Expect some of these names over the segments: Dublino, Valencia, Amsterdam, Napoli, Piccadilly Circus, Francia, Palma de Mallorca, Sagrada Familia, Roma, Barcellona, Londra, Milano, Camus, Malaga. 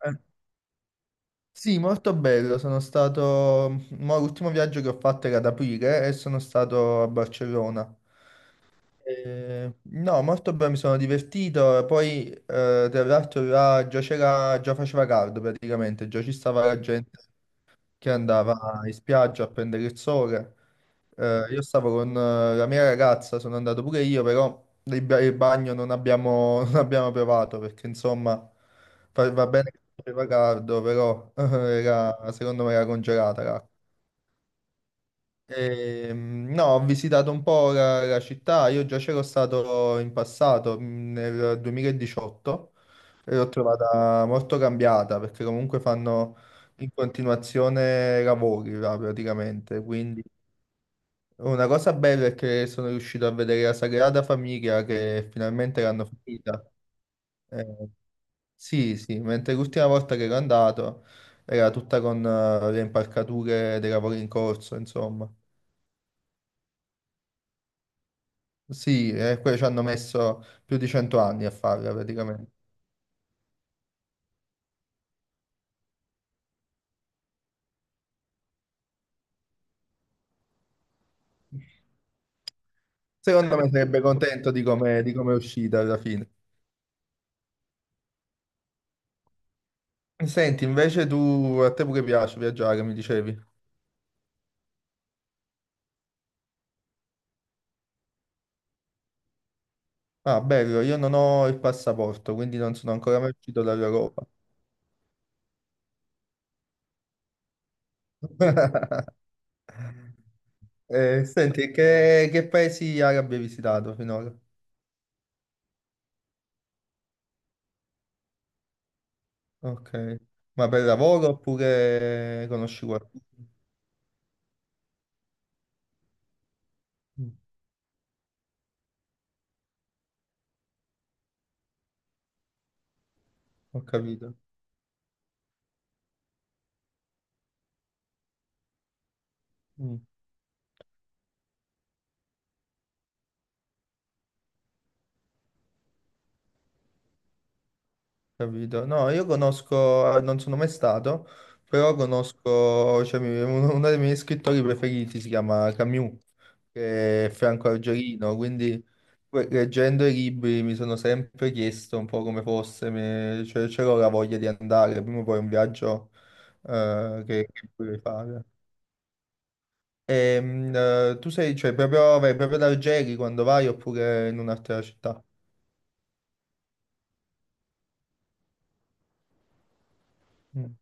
Eh, Sì, molto bello. Sono stato. Mo l'ultimo viaggio che ho fatto era ad aprile e sono stato a Barcellona. Eh no, molto bene, mi sono divertito. Poi, tra l'altro, là già c'era, già faceva caldo praticamente, già ci stava la gente che andava in spiaggia a prendere il sole. Io stavo con la mia ragazza, sono andato pure io, però il bagno non abbiamo, non abbiamo provato perché insomma va bene che faceva caldo, però era, secondo me era congelata l'acqua. No, ho visitato un po' la città, io già c'ero stato in passato, nel 2018, e l'ho trovata molto cambiata perché comunque fanno in continuazione lavori là, praticamente. Quindi una cosa bella è che sono riuscito a vedere la Sagrada Famiglia che finalmente l'hanno finita. Eh, sì, sì, mentre l'ultima volta che ero andato era tutta con le impalcature dei lavori in corso, insomma. Sì, e poi ci hanno messo più di 100 anni a farla praticamente. Secondo me sarebbe contento di come è uscita alla fine. Senti, invece tu, a te pure piace viaggiare, mi dicevi. Ah, bello, io non ho il passaporto, quindi non sono ancora mai uscito dall'Europa. Senti, che paesi arabi hai visitato finora? Ok, ma per lavoro oppure conosci qualcuno? Mm. Ho capito. Mm. Capito? No, io conosco, non sono mai stato, però conosco, cioè, uno dei miei scrittori preferiti si chiama Camus, che è Franco Argerino, quindi leggendo i libri mi sono sempre chiesto un po' come fosse, mi- cioè, c'ero la voglia di andare, prima o poi è un viaggio che vorrei fare. Tu sei, cioè, proprio, vai proprio ad Algeri quando vai oppure in un'altra città? Mm.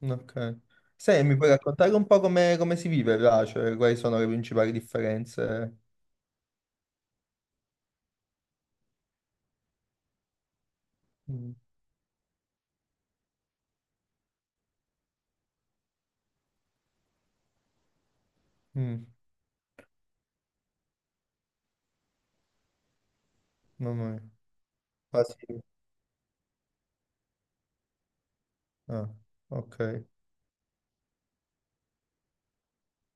Ok. Sai, mi puoi raccontare un po' come si vive là? Cioè, quali sono le principali differenze? Mm, mm, mamma mia. Ah, sì. Ah, ok.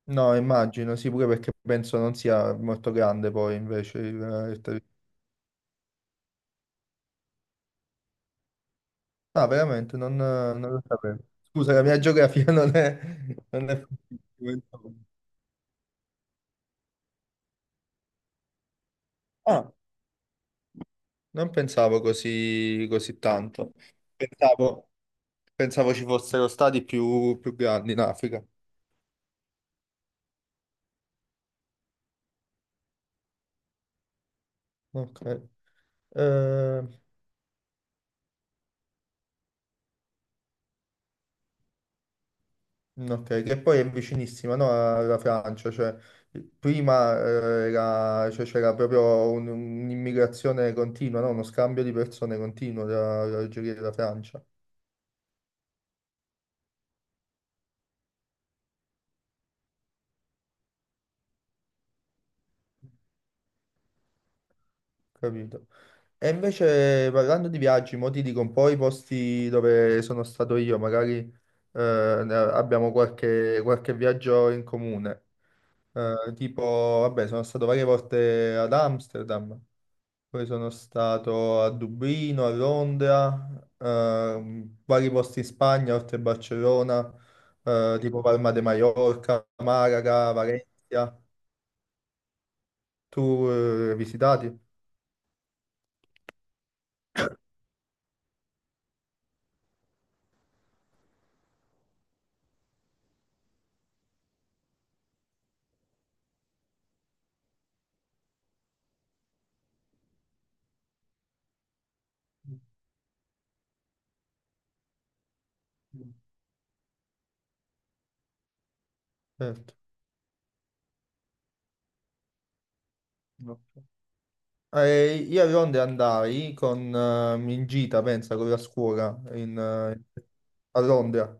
No, immagino, sì, pure perché penso non sia molto grande poi invece il territorio. Ah, veramente, non lo sapevo. Scusa, la mia geografia non è... Non è... fondamentale. Ah, non pensavo così tanto. Pensavo, pensavo ci fossero stati più grandi in Africa. Ok. Eh, mm, ok, che poi è vicinissima, no, alla Francia, cioè prima cioè, c'era proprio un'immigrazione continua, no? Uno scambio di persone continuo tra l'Algeria e la Francia, capito? E invece parlando di viaggi, mo ti dico un po' i posti dove sono stato io, magari abbiamo qualche viaggio in comune. Tipo, vabbè, sono stato varie volte ad Amsterdam, poi sono stato a Dublino, a Londra, vari posti in Spagna, oltre a Barcellona, tipo Palma de Mallorca, Malaga, Valencia. Tu hai visitati? Certo. No. Io a Londra andai con, in gita, pensa, con la scuola a Londra.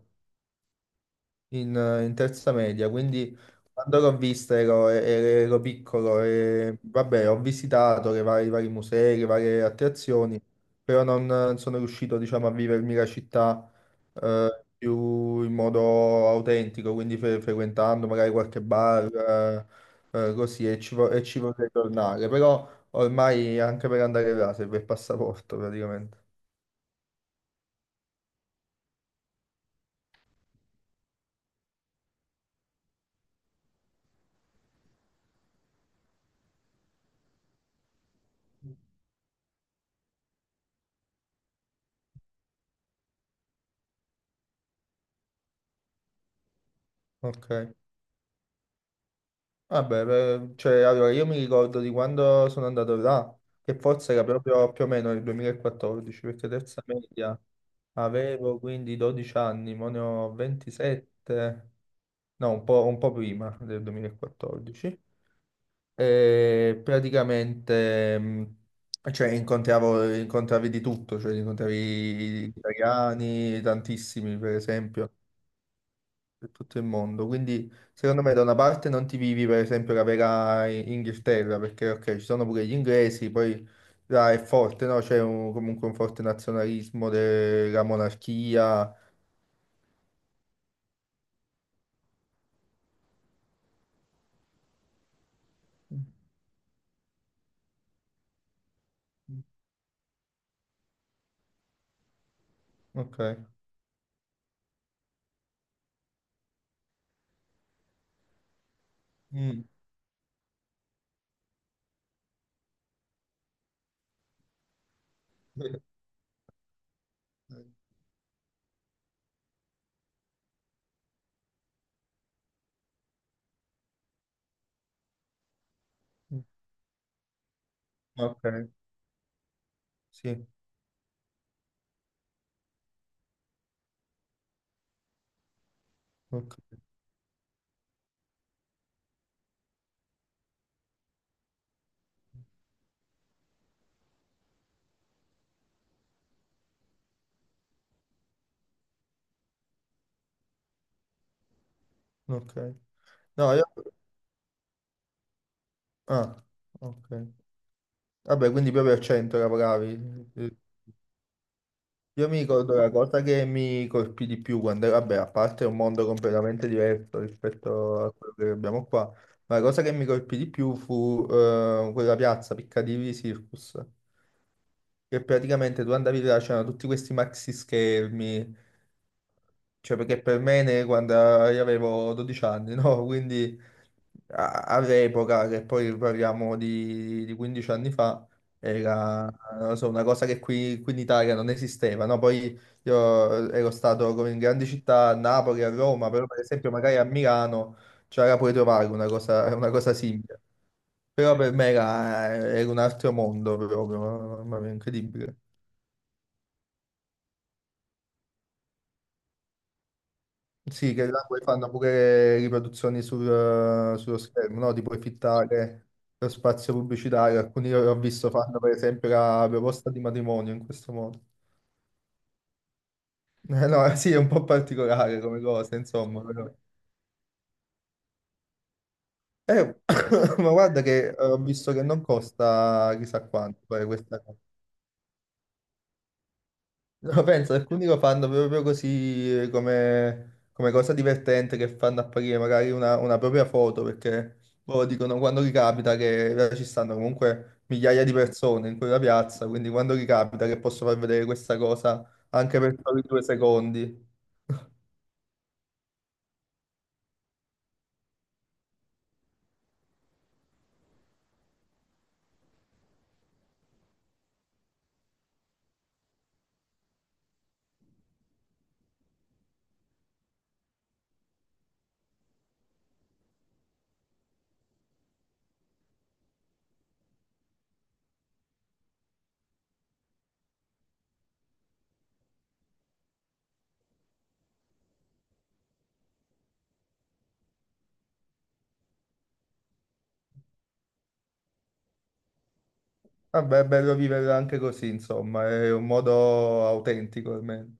in, In terza media, quindi quando l'ho vista ero piccolo e vabbè, ho visitato i vari musei, le varie attrazioni, però non sono riuscito, diciamo, a vivermi la città più in modo autentico, quindi frequentando magari qualche bar, così, e ci vorrei tornare, però ormai anche per andare là serve il passaporto praticamente. Ok. Vabbè, cioè, allora io mi ricordo di quando sono andato là, che forse era proprio più o meno il 2014, perché terza media avevo quindi 12 anni, mo ne ho 27, no, un po' prima del 2014. E praticamente, cioè, incontravi di tutto, cioè, incontravi italiani, tantissimi, per esempio per tutto il mondo. Quindi, secondo me, da una parte non ti vivi, per esempio, la vera Inghilterra, perché ok, ci sono pure gli inglesi, poi là è forte, no? C'è comunque un forte nazionalismo della monarchia. Ok. Mm. Mm. Ok, sì, ok, ok. No, io... Ah, ok. Vabbè, quindi proprio al centro lavoravi. Eh, io mi ricordo la cosa che mi colpì di più quando, vabbè, a parte è un mondo completamente diverso rispetto a quello che abbiamo qua, ma la cosa che mi colpì di più fu quella piazza Piccadilly Circus, che praticamente tu andavi là, c'erano tutti questi maxi schermi, cioè, perché per me quando io avevo 12 anni, no? Quindi all'epoca, che poi parliamo di 15 anni fa, era, non so, una cosa che qui in Italia non esisteva, no? Poi io ero stato come in grandi città, a Napoli, a Roma, però per esempio magari a Milano c'era pure trovare una cosa simile. Però per me era un altro mondo proprio, mamma mia, incredibile. Sì, che là poi fanno pure riproduzioni sullo schermo, no? Tipo fittare lo spazio pubblicitario. Alcuni che ho visto fanno per esempio la proposta di matrimonio in questo modo. Eh no, sì, è un po' particolare come cosa, insomma. Però. Eh, ma guarda che ho visto che non costa chissà quanto fare questa. No, penso, alcuni lo fanno proprio così come cosa divertente, che fanno apparire magari una propria foto, perché loro dicono quando ricapita che là ci stanno comunque migliaia di persone in quella piazza, quindi quando ricapita che posso far vedere questa cosa anche per soli 2 secondi. Vabbè, è bello viverla anche così, insomma, è un modo autentico almeno.